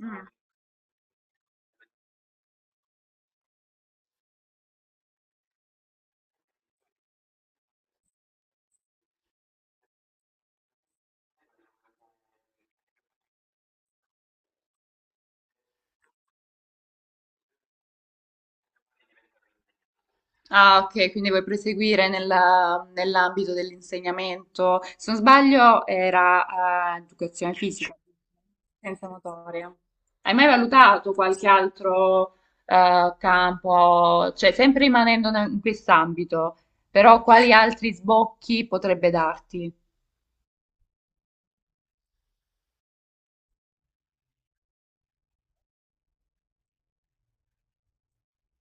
Mm. Ah, ok, quindi vuoi proseguire nell'ambito dell'insegnamento. Se non sbaglio, era educazione fisica, scienza motoria. Hai mai valutato qualche altro campo, cioè sempre rimanendo in quest'ambito, però quali altri sbocchi potrebbe darti?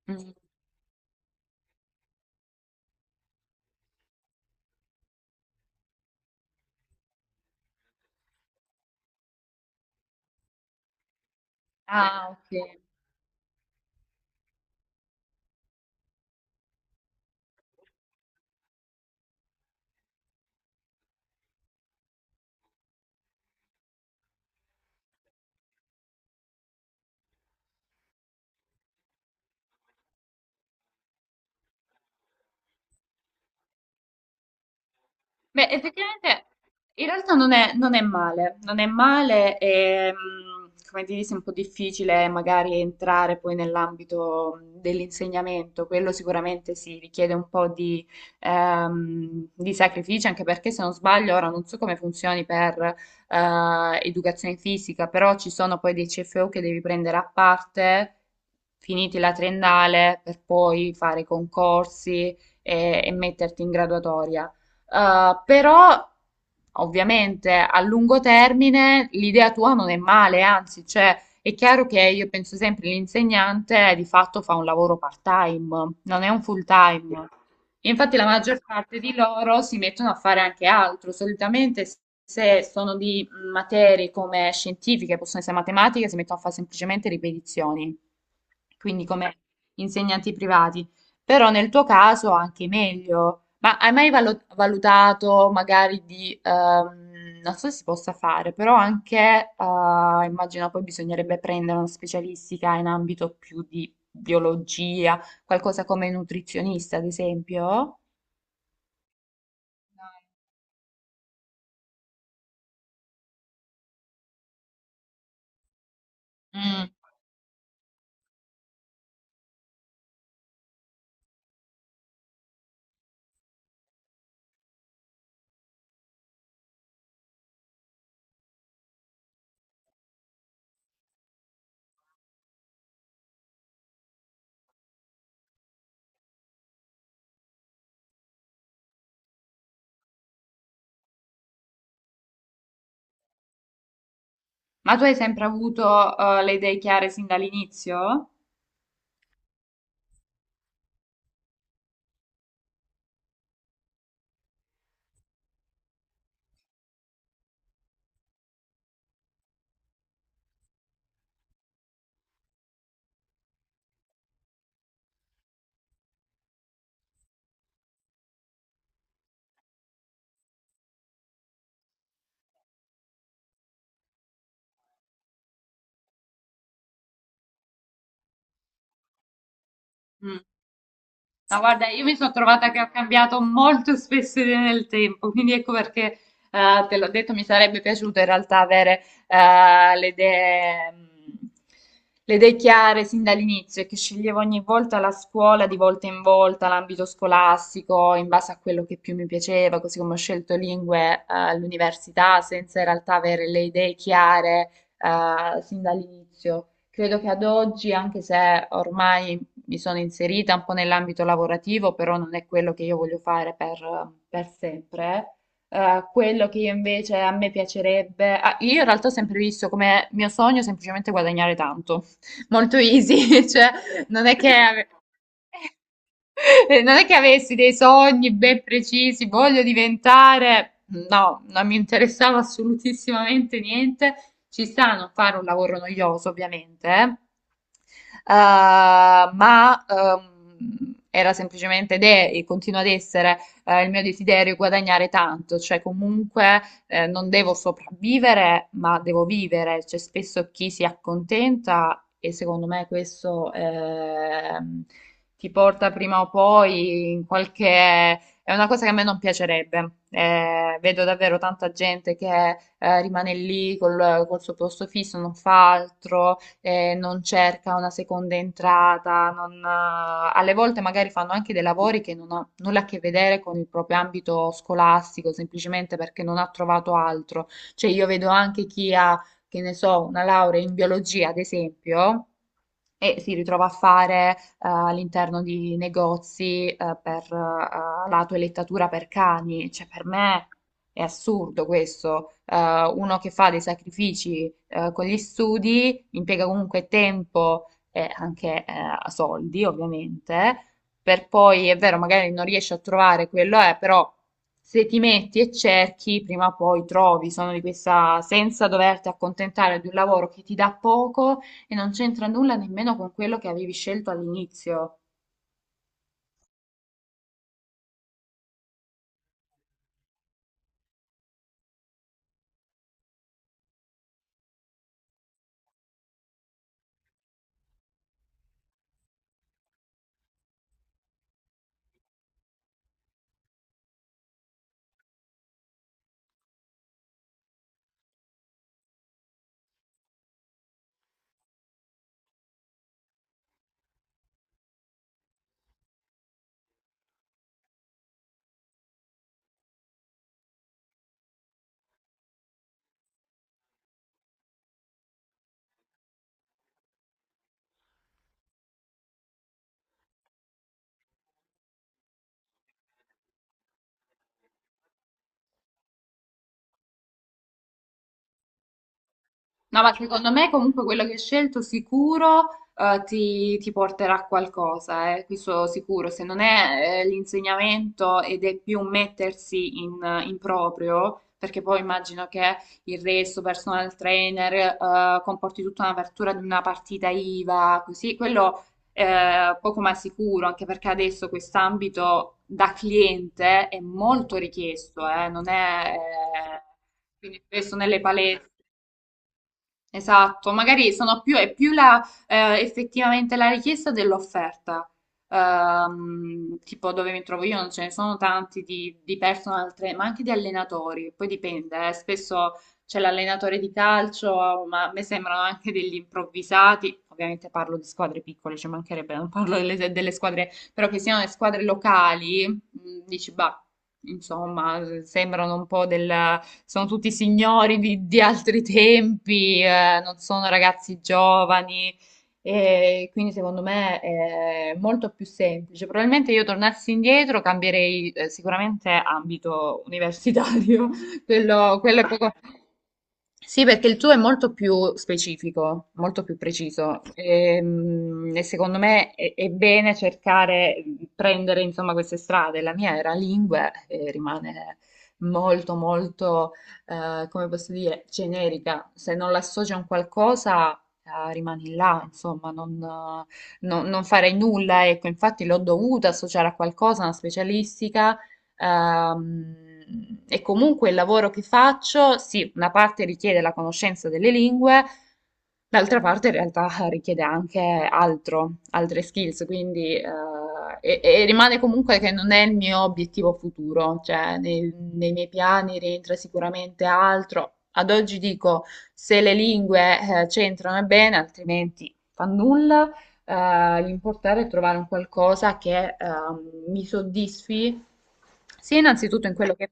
Mm. Ah, ok. Beh, effettivamente in realtà non è, non è male, non è male, e, come ti dici, è un po' difficile magari entrare poi nell'ambito dell'insegnamento, quello sicuramente si richiede un po' di sacrificio, anche perché se non sbaglio, ora non so come funzioni per educazione fisica, però ci sono poi dei CFU che devi prendere a parte, finiti la triennale, per poi fare i concorsi e metterti in graduatoria. Però ovviamente a lungo termine l'idea tua non è male, anzi, cioè, è chiaro che io penso sempre l'insegnante di fatto fa un lavoro part-time, non è un full-time. E infatti la maggior parte di loro si mettono a fare anche altro. Solitamente se sono di materie come scientifiche, possono essere matematiche, si mettono a fare semplicemente ripetizioni, quindi come insegnanti privati. Però nel tuo caso anche meglio. Ma hai mai valutato magari di, non so se si possa fare, però anche, immagino poi bisognerebbe prendere una specialistica in ambito più di biologia, qualcosa come nutrizionista, ad esempio? Mm. Ma tu hai sempre avuto, le idee chiare sin dall'inizio? No, guarda, io mi sono trovata che ho cambiato molto spesso idea nel tempo, quindi ecco perché te l'ho detto, mi sarebbe piaciuto in realtà avere eh, le idee, mh, le idee chiare sin dall'inizio e che sceglievo ogni volta la scuola, di volta in volta, l'ambito scolastico, in base a quello che più mi piaceva, così come ho scelto lingue all'università, senza in realtà avere le idee chiare sin dall'inizio. Credo che ad oggi, anche se ormai mi sono inserita un po' nell'ambito lavorativo, però non è quello che io voglio fare per sempre. Quello che io invece a me piacerebbe, ah, io in realtà ho sempre visto come mio sogno semplicemente guadagnare tanto, molto easy, cioè non è che ave- non è che avessi dei sogni ben precisi, voglio diventare, no, non mi interessava assolutissimamente niente. Ci sta a non fare un lavoro noioso, ovviamente, eh. Ma era semplicemente ed è e continua ad essere il mio desiderio guadagnare tanto, cioè comunque non devo sopravvivere, ma devo vivere. C'è spesso chi si accontenta e secondo me questo ti porta prima o poi in qualche. È una cosa che a me non piacerebbe. Vedo davvero tanta gente che rimane lì col suo posto fisso, non fa altro, non cerca una seconda entrata. Non, alle volte magari fanno anche dei lavori che non hanno nulla a che vedere con il proprio ambito scolastico, semplicemente perché non ha trovato altro. Cioè, io vedo anche chi ha, che ne so, una laurea in biologia, ad esempio e si ritrova a fare all'interno di negozi per la toelettatura per cani. Cioè, per me è assurdo questo. Uno che fa dei sacrifici con gli studi, impiega comunque tempo e anche soldi, ovviamente, per poi, è vero, magari non riesci a trovare quello, però. Se ti metti e cerchi, prima o poi trovi, sono di questa senza doverti accontentare di un lavoro che ti dà poco, e non c'entra nulla nemmeno con quello che avevi scelto all'inizio. No, ma secondo me comunque quello che hai scelto sicuro ti porterà a qualcosa, questo sicuro. Se non è l'insegnamento ed è più mettersi in proprio, perché poi immagino che il resto, personal trainer, comporti tutta un'apertura di una partita IVA, così, quello poco ma sicuro, anche perché adesso quest'ambito da cliente è molto richiesto, non è, quindi spesso nelle palestre. Esatto, magari sono più, è più la, effettivamente la richiesta dell'offerta. Tipo dove mi trovo io non ce ne sono tanti di personal trainer, ma anche di allenatori. Poi dipende, spesso c'è l'allenatore di calcio, ma a me sembrano anche degli improvvisati. Ovviamente parlo di squadre piccole, ci mancherebbe, non parlo delle squadre, però che siano le squadre locali, dici, bah, insomma, sembrano un po' del. Sono tutti signori di altri tempi, non sono ragazzi giovani. E quindi secondo me è molto più semplice. Probabilmente io tornassi indietro cambierei sicuramente ambito universitario, quello è poco. Sì, perché il tuo è molto più specifico, molto più preciso. E, secondo me è bene cercare, prendere insomma queste strade. La mia era lingue e rimane molto molto come posso dire, generica, se non l'associ a un qualcosa, rimani là, insomma, non farei nulla, ecco, infatti l'ho dovuta associare a qualcosa, a una specialistica, Ehm, e comunque il lavoro che faccio, sì, una parte richiede la conoscenza delle lingue, d'altra parte in realtà richiede anche altro, altre skills, quindi e rimane comunque che non è il mio obiettivo futuro, cioè nei miei piani rientra sicuramente altro. Ad oggi dico se le lingue c'entrano è bene, altrimenti fa nulla l'importare è trovare un qualcosa che mi soddisfi, sia innanzitutto in quello che...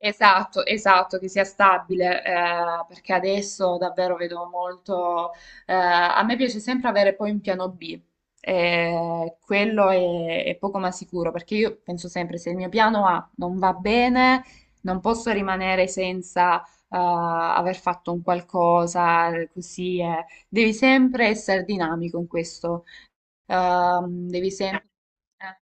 Esatto, esatto, che sia stabile, perché adesso davvero vedo molto. A me piace sempre avere poi un piano B. Quello è poco ma sicuro perché io penso sempre se il mio piano A non va bene, non posso rimanere senza aver fatto un qualcosa così. Devi sempre essere dinamico in questo. Devi sempre... eh,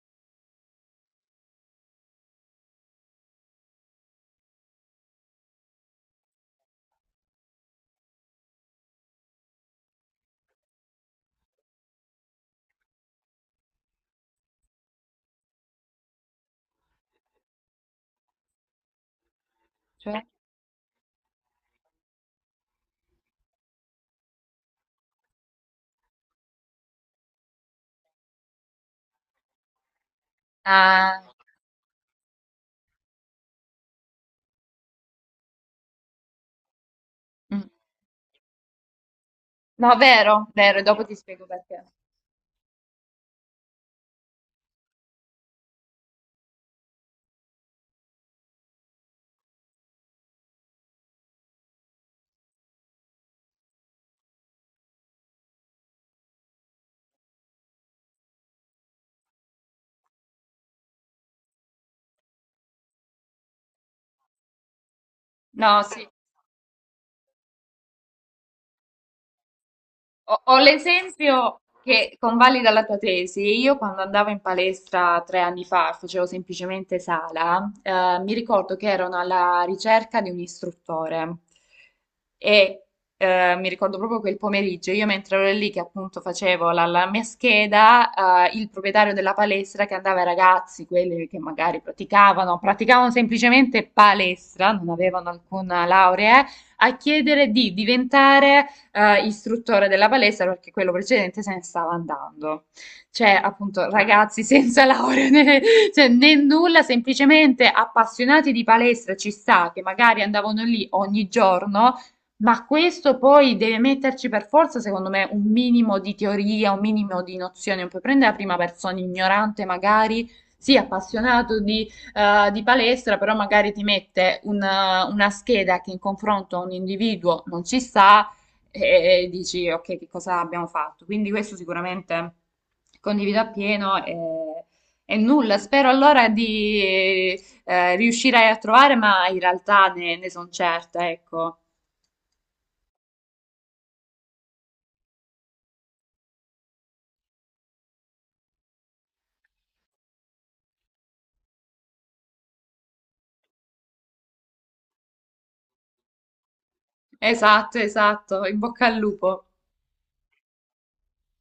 cioè? Ah, mm. No, vero, vero, dopo ti spiego perché. No, sì. Ho l'esempio che convalida la tua tesi. Io quando andavo in palestra 3 anni fa, facevo semplicemente sala, mi ricordo che erano alla ricerca di un istruttore e mi ricordo proprio quel pomeriggio, io mentre ero lì che appunto facevo la mia scheda, il proprietario della palestra che andava ai ragazzi, quelli che magari praticavano semplicemente palestra, non avevano alcuna laurea, a chiedere di diventare istruttore della palestra perché quello precedente se ne stava andando. Cioè, appunto, ragazzi senza laurea né, cioè, né nulla, semplicemente appassionati di palestra ci sta, che magari andavano lì ogni giorno, ma questo poi deve metterci per forza, secondo me, un minimo di teoria, un minimo di nozione. Non puoi prendere la prima persona ignorante, magari, sì, appassionato di palestra, però magari ti mette una scheda che in confronto a un individuo non ci sta e dici ok, che cosa abbiamo fatto? Quindi questo sicuramente condivido appieno e nulla, spero allora di riuscire a trovare, ma in realtà ne sono certa, ecco. Esatto, esatto, in bocca al lupo.